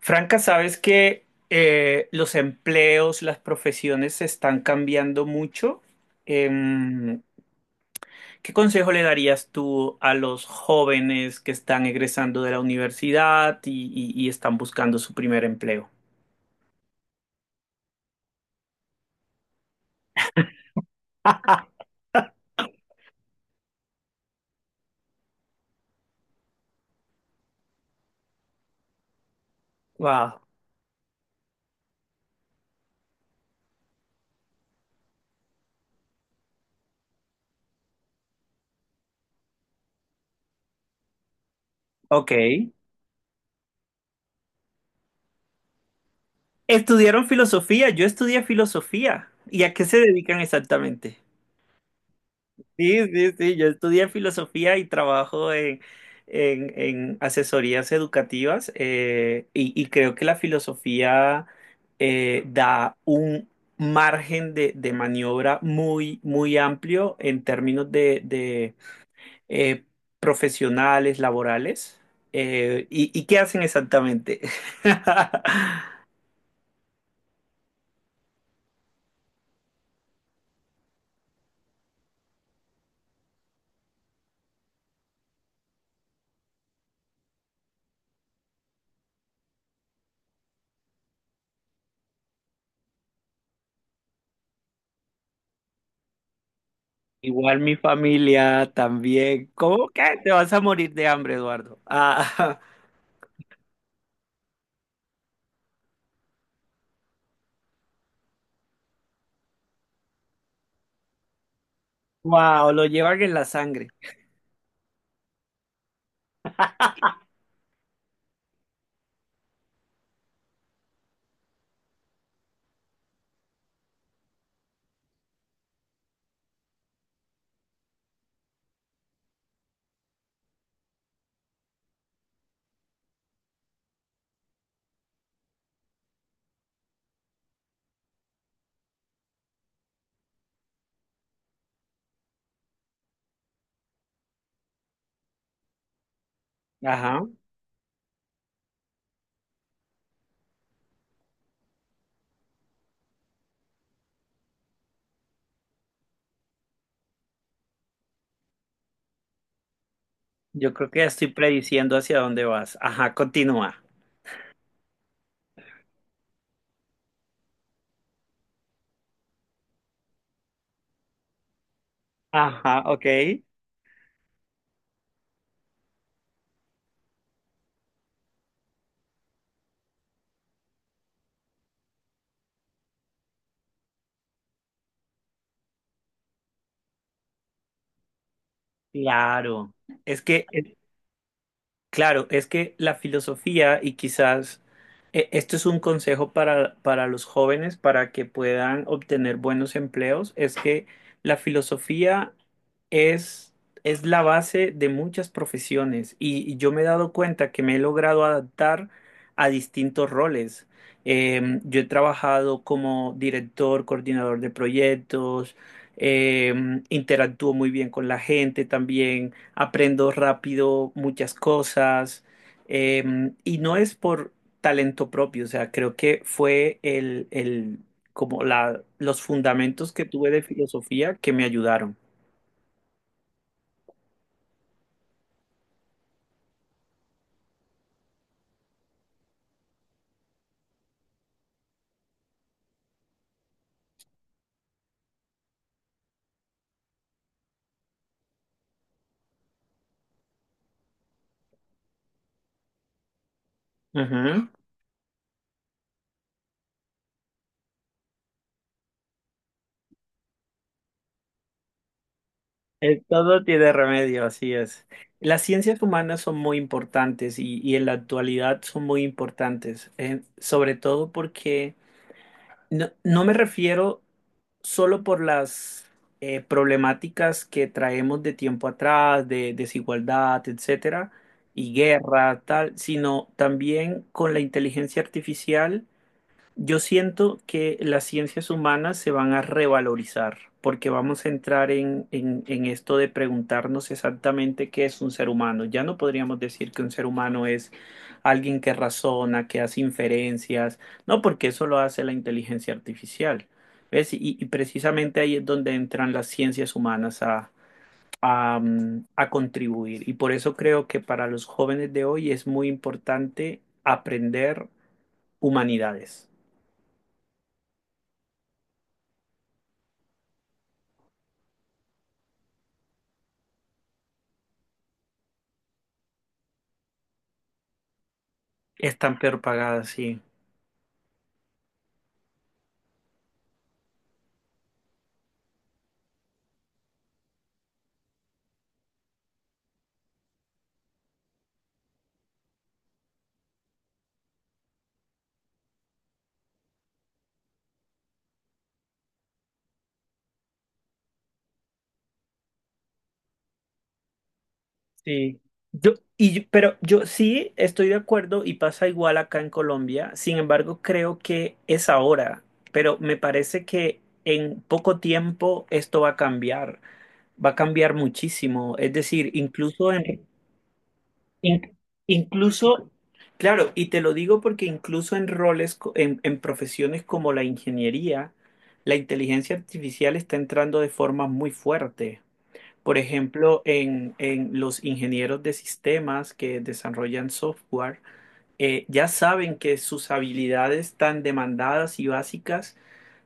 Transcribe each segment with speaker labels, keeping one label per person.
Speaker 1: Franca, sabes que los empleos, las profesiones se están cambiando mucho. Em, ¿Qué consejo le darías tú a los jóvenes que están egresando de la universidad y están buscando su primer empleo? Wow, ok. Estudiaron filosofía, yo estudié filosofía. ¿Y a qué se dedican exactamente? Sí, sí, sí, yo estudié filosofía y trabajo en asesorías educativas y creo que la filosofía da un margen de maniobra muy, muy amplio en términos de eh, profesionales, laborales. ¿Y qué hacen exactamente? Igual mi familia también. ¿Cómo que te vas a morir de hambre, Eduardo? Ah. Wow, lo llevan en la sangre. Ajá. Yo creo que ya estoy prediciendo hacia dónde vas. Ajá, continúa. Ajá, ok. Claro. Es que claro, es que la filosofía y quizás esto es un consejo para los jóvenes para que puedan obtener buenos empleos, es que la filosofía es, es la base de muchas profesiones y yo me he dado cuenta que me he logrado adaptar a distintos roles. Yo he trabajado como director, coordinador de proyectos, interactúo muy bien con la gente también aprendo rápido muchas cosas, y no es por talento propio, o sea, creo que fue como los fundamentos que tuve de filosofía que me ayudaron. Ujú. Todo tiene remedio, así es. Las ciencias humanas son muy importantes y en la actualidad son muy importantes, sobre todo porque no, no me refiero solo por las problemáticas que traemos de tiempo atrás, de desigualdad, etcétera, y guerra, tal, sino también con la inteligencia artificial. Yo siento que las ciencias humanas se van a revalorizar porque vamos a entrar en esto de preguntarnos exactamente qué es un ser humano. Ya no podríamos decir que un ser humano es alguien que razona, que hace inferencias, no, porque eso lo hace la inteligencia artificial. ¿Ves? Y precisamente ahí es donde entran las ciencias humanas a, a contribuir. Y por eso creo que para los jóvenes de hoy es muy importante aprender humanidades. Están peor pagadas, sí. Sí. Pero yo sí estoy de acuerdo y pasa igual acá en Colombia. Sin embargo, creo que es ahora, pero me parece que en poco tiempo esto va a cambiar. Va a cambiar muchísimo. Es decir, incluso in- incluso, claro, y te lo digo porque incluso en roles, en profesiones como la ingeniería, la inteligencia artificial está entrando de forma muy fuerte. Por ejemplo, en los ingenieros de sistemas que desarrollan software, ya saben que sus habilidades tan demandadas y básicas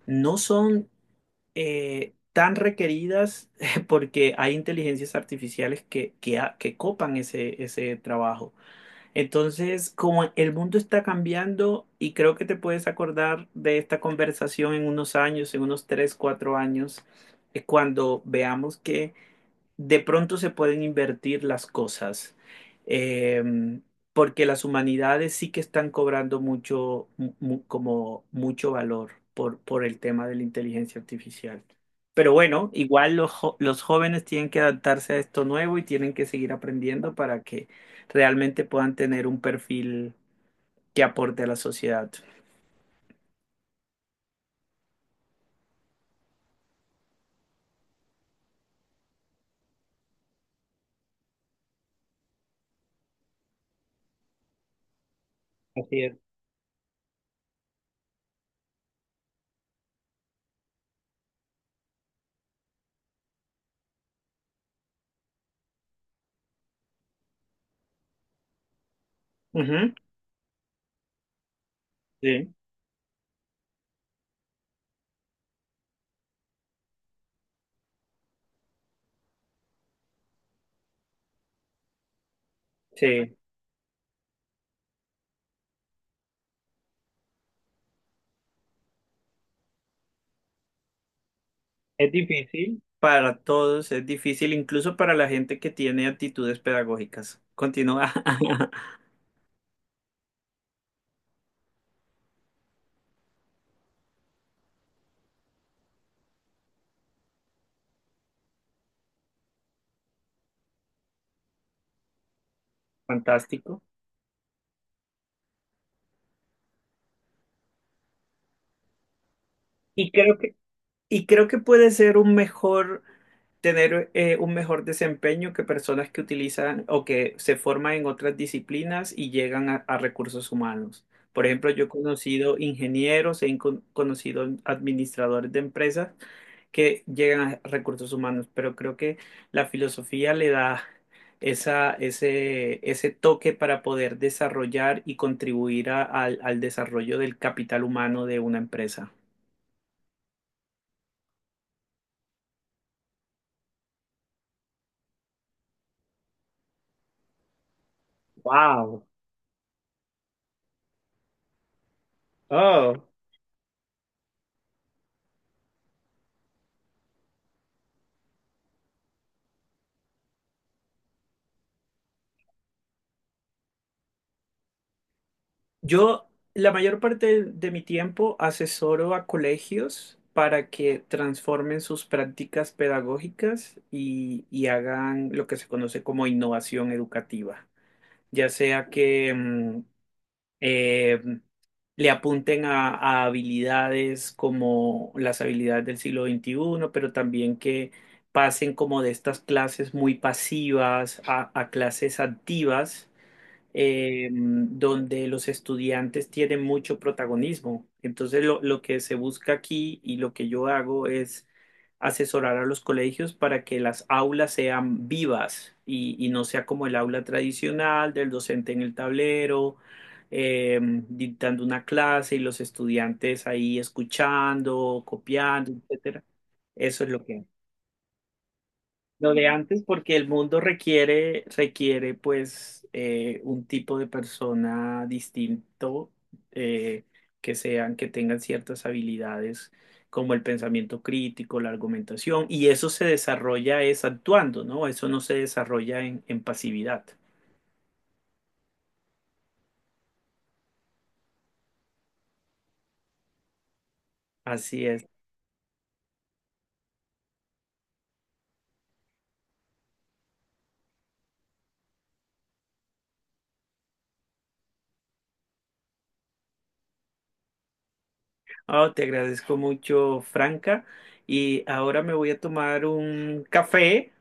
Speaker 1: no son tan requeridas porque hay inteligencias artificiales que copan ese trabajo. Entonces, como el mundo está cambiando y creo que te puedes acordar de esta conversación en unos años, en unos tres, cuatro años, cuando veamos que de pronto se pueden invertir las cosas, eh, porque las humanidades sí que están cobrando mucho, como mucho valor por el tema de la inteligencia artificial. Pero bueno, igual los jóvenes tienen que adaptarse a esto nuevo y tienen que seguir aprendiendo para que realmente puedan tener un perfil que aporte a la sociedad. Así es. Ujú, sí, sí. Es difícil para todos, es difícil incluso para la gente que tiene actitudes pedagógicas. Continúa. Fantástico. Y creo que, y creo que puede ser un mejor, tener un mejor desempeño que personas que utilizan o que se forman en otras disciplinas y llegan a recursos humanos. Por ejemplo, yo he conocido ingenieros, conocido administradores de empresas que llegan a recursos humanos, pero creo que la filosofía le da ese toque para poder desarrollar y contribuir al desarrollo del capital humano de una empresa. Wow. Oh, yo la mayor parte de mi tiempo asesoro a colegios para que transformen sus prácticas pedagógicas y hagan lo que se conoce como innovación educativa, ya sea que eh, le apunten a habilidades como las habilidades del siglo XXI, pero también que pasen como de estas clases muy pasivas a clases activas donde los estudiantes tienen mucho protagonismo. Entonces, lo que se busca aquí y lo que yo hago es asesorar a los colegios para que las aulas sean vivas y no sea como el aula tradicional del docente en el tablero, eh, dictando una clase y los estudiantes ahí escuchando, copiando, etcétera. Eso es lo que lo de antes, porque el mundo requiere, requiere pues un tipo de persona distinto, eh, que sean, que tengan ciertas habilidades como el pensamiento crítico, la argumentación, y eso se desarrolla es actuando, ¿no? Eso no se desarrolla en pasividad. Así es. Oh, te agradezco mucho, Franca, y ahora me voy a tomar un café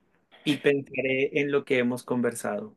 Speaker 1: y pensaré en lo que hemos conversado.